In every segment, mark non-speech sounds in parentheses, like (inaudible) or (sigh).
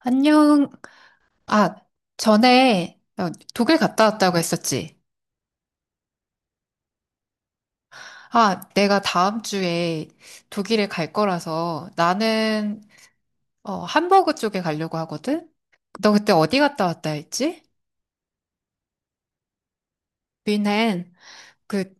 안녕. 아, 전에 독일 갔다 왔다고 했었지. 아, 내가 다음 주에 독일에 갈 거라서 나는 함버그 쪽에 가려고 하거든. 너 그때 어디 갔다 왔다 했지? 뮌헨. 그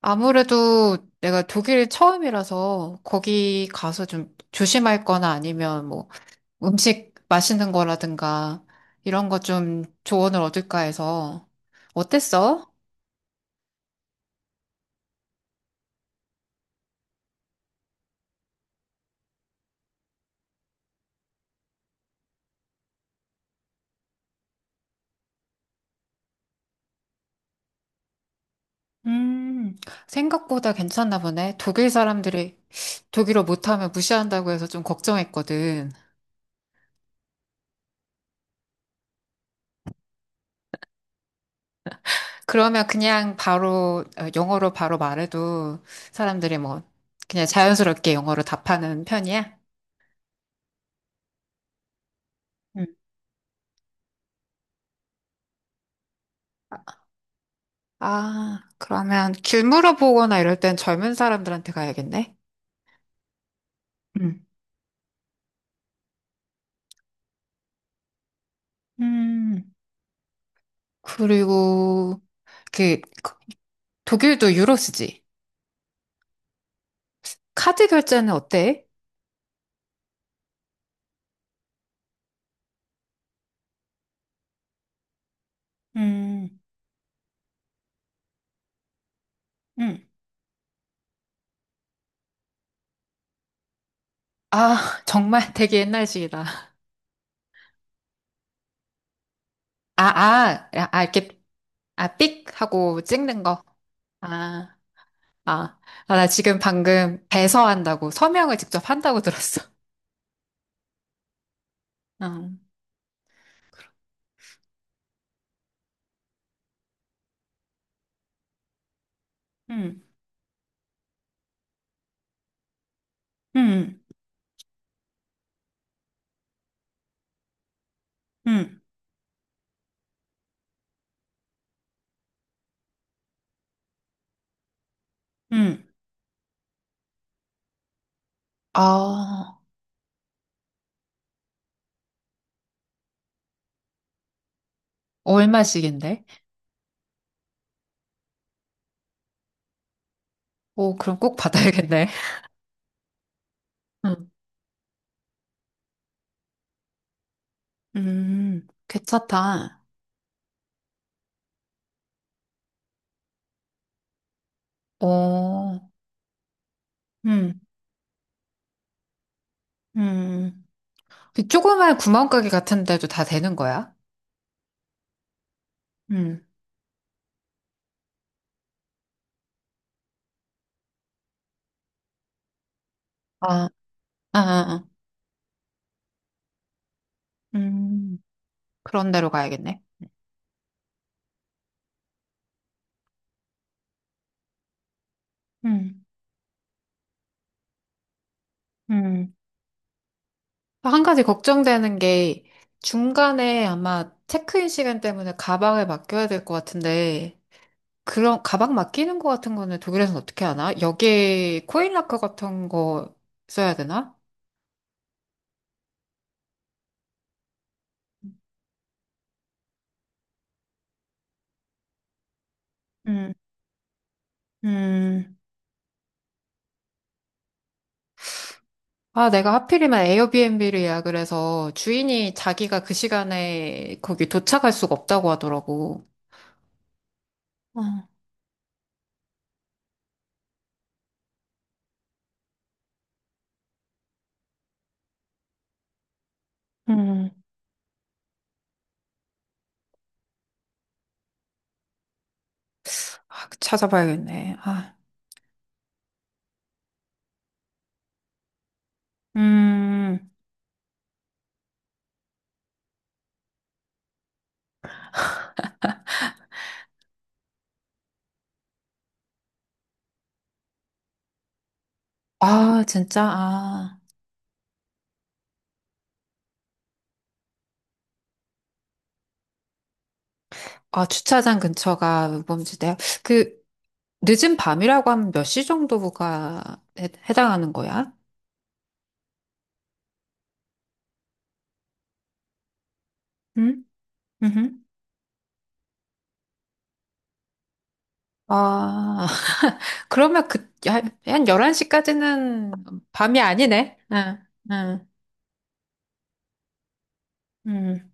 아무래도 내가 독일 처음이라서 거기 가서 좀 조심할 거나 아니면 뭐 음식 맛있는 거라든가 이런 거 좀 조언을 얻을까 해서. 어땠어? 음, 생각보다 괜찮나 보네. 독일 사람들이 독일어 못하면 무시한다고 해서 좀 걱정했거든. 그러면 그냥 바로, 어, 영어로 바로 말해도 사람들이 뭐, 그냥 자연스럽게 영어로 답하는 편이야? 음. 아, 그러면 길 물어보거나 이럴 땐 젊은 사람들한테 가야겠네? 음. 음, 그리고, 그, 독일도 유로 쓰지? 카드 결제는 어때? 음, 음. 아, 정말 되게 옛날식이다. 아, 아, 아, 이렇게. 아, 삑! 하고 찍는 거. 아, 아, 아, 나 지금 방금 배서한다고, 서명을 직접 한다고 들었어. (laughs) 응. 응. 응. 응. 응. 아, 얼마씩인데? 오, 그럼 꼭 받아야겠네. (laughs) 음, 괜찮다. 오, 음, 음. 그 조그만 구멍가게 같은 데도 다 되는 거야? 음. 아, 아, 아, 아. 음, 그런 데로 가야겠네. 음, 음. 한 가지 걱정되는 게 중간에 아마 체크인 시간 때문에 가방을 맡겨야 될 것 같은데, 그런 가방 맡기는 것 같은 거는 독일에서는 어떻게 하나? 여기에 코인락커 같은 거 써야 되나? 음, 음, 아, 내가 하필이면 에어비앤비를 예약을 해서 주인이 자기가 그 시간에 거기 도착할 수가 없다고 하더라고. 어, 음. 아, 찾아봐야겠네. 아, 음, 아, 진짜, 아. 아, 주차장 근처가 우범지대요? 그, 늦은 밤이라고 하면 몇 시 정도가 해, 해당하는 거야? 응? 응? 아, (laughs) 그러면 그, 한 11시까지는 밤이 아니네? 응, 응. 응,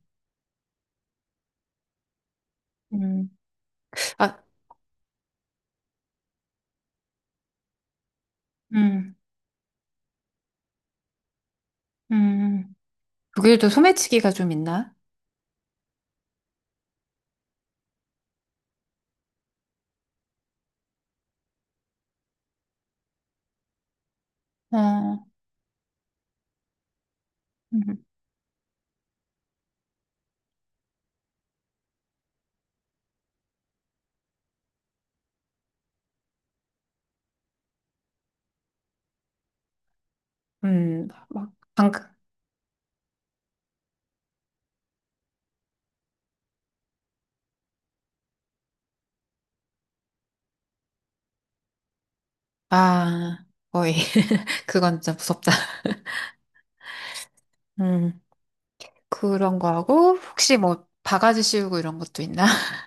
응, 아, 응, 응, 독일도 소매치기가 좀 있나? 어, 응. 막, 방금, 아, 거의, (laughs) 그건 진짜 무섭다. 음. 그런 거 하고, 혹시 뭐, 바가지 씌우고 이런 것도 있나? (laughs)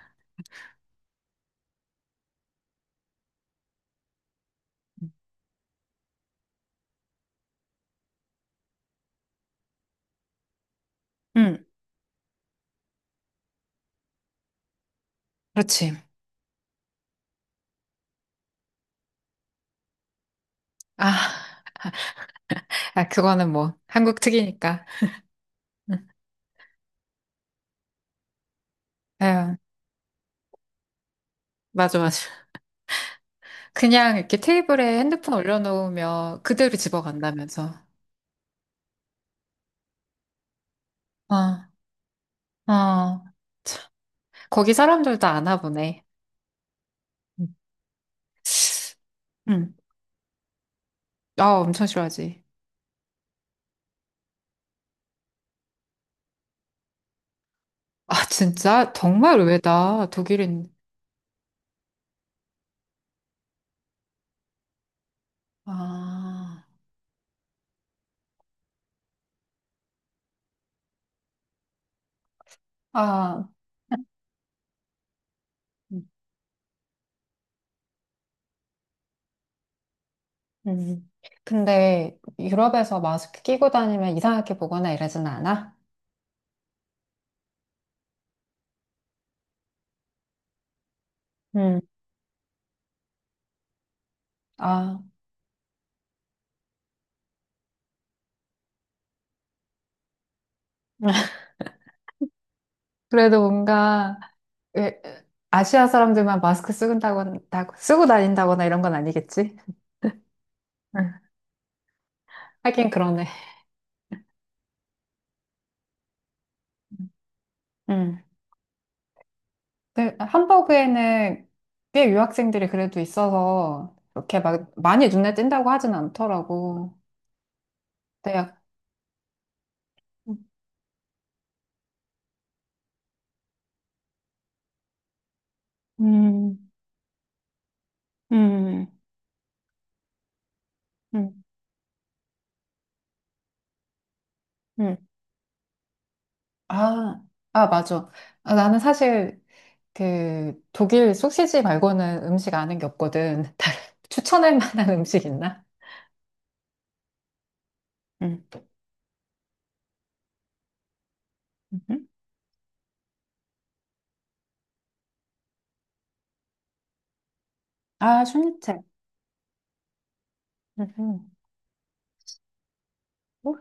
응, 그렇지. 아, 아, 그거는 뭐, 한국 특이니까. 응, 아 맞아, 맞아. 그냥 이렇게 테이블에 핸드폰 올려놓으면 그대로 집어간다면서. 어, 어. 거기 사람들도 아나 보네. 응, 응. 아, 엄청 싫어하지. 아, 진짜? 정말 의외다. 독일인. 아, 아. 음. 근데 유럽에서 마스크 끼고 다니면 이상하게 보거나 이러진 않아? 음. 아, 그래도 뭔가 왜- 아시아 사람들만 마스크 쓰고 쓰고 다닌다거나 이런 건 아니겠지? 응. 하긴 그러네. 음. 근데 함버그에는 꽤 유학생들이 그래도 있어서 이렇게 막 많이 눈에 띈다고 하진 않더라고. 근데 약- 음, 음, 음, 음. 아, 아, 맞아. 아, 나는 사실 그 독일 소시지 말고는 음식 아는 게 없거든. (laughs) 다른 추천할 만한 (laughs) 음식 있나? 음. 음. 아, 슈니첼. 음. 어?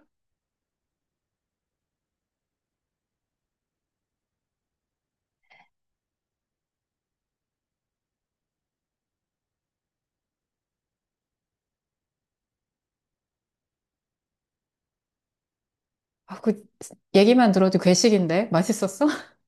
아, 그 얘기만 들어도 괴식인데 맛있었어? (laughs)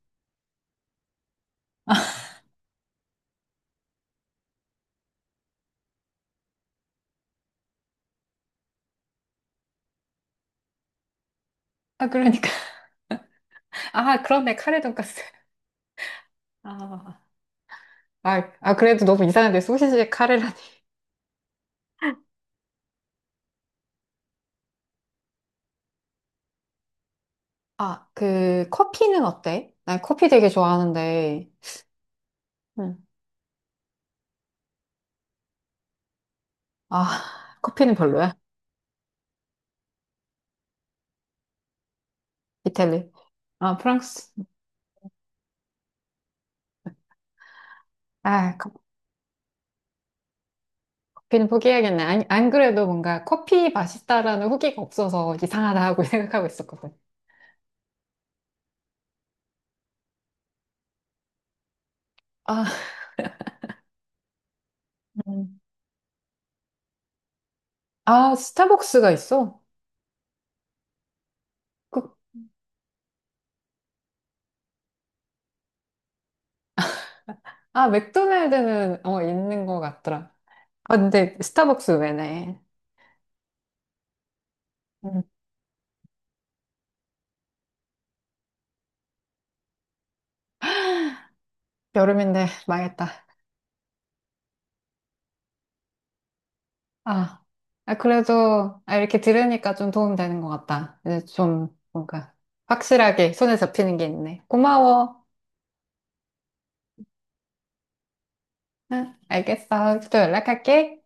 아, 그러니까 아 그러네, 카레 돈까스. 아, 아, 아 그래도 너무 이상한데 소시지에 카레라니. 아, 그 커피는 어때? 난 커피 되게 좋아하는데. 음. 아 커피는 별로야. 이탈리. 아 프랑스. 아 그냥 포기해야겠네. 안 그래도 뭔가 커피 맛있다라는 후기가 없어서 이상하다고 (laughs) 생각하고 있었거든. 아, 음. 아, 스타벅스가 있어? 그, 아, 맥도날드는 어, 있는 것 같더라. 아, 근데 스타벅스 왜네? 음, 여름인데 망했다. 아, 아, 그래도 아, 이렇게 들으니까 좀 도움 되는 것 같다. 이제 좀 뭔가 확실하게 손에 잡히는 게 있네. 고마워. 응, 알겠어. 또 연락할게.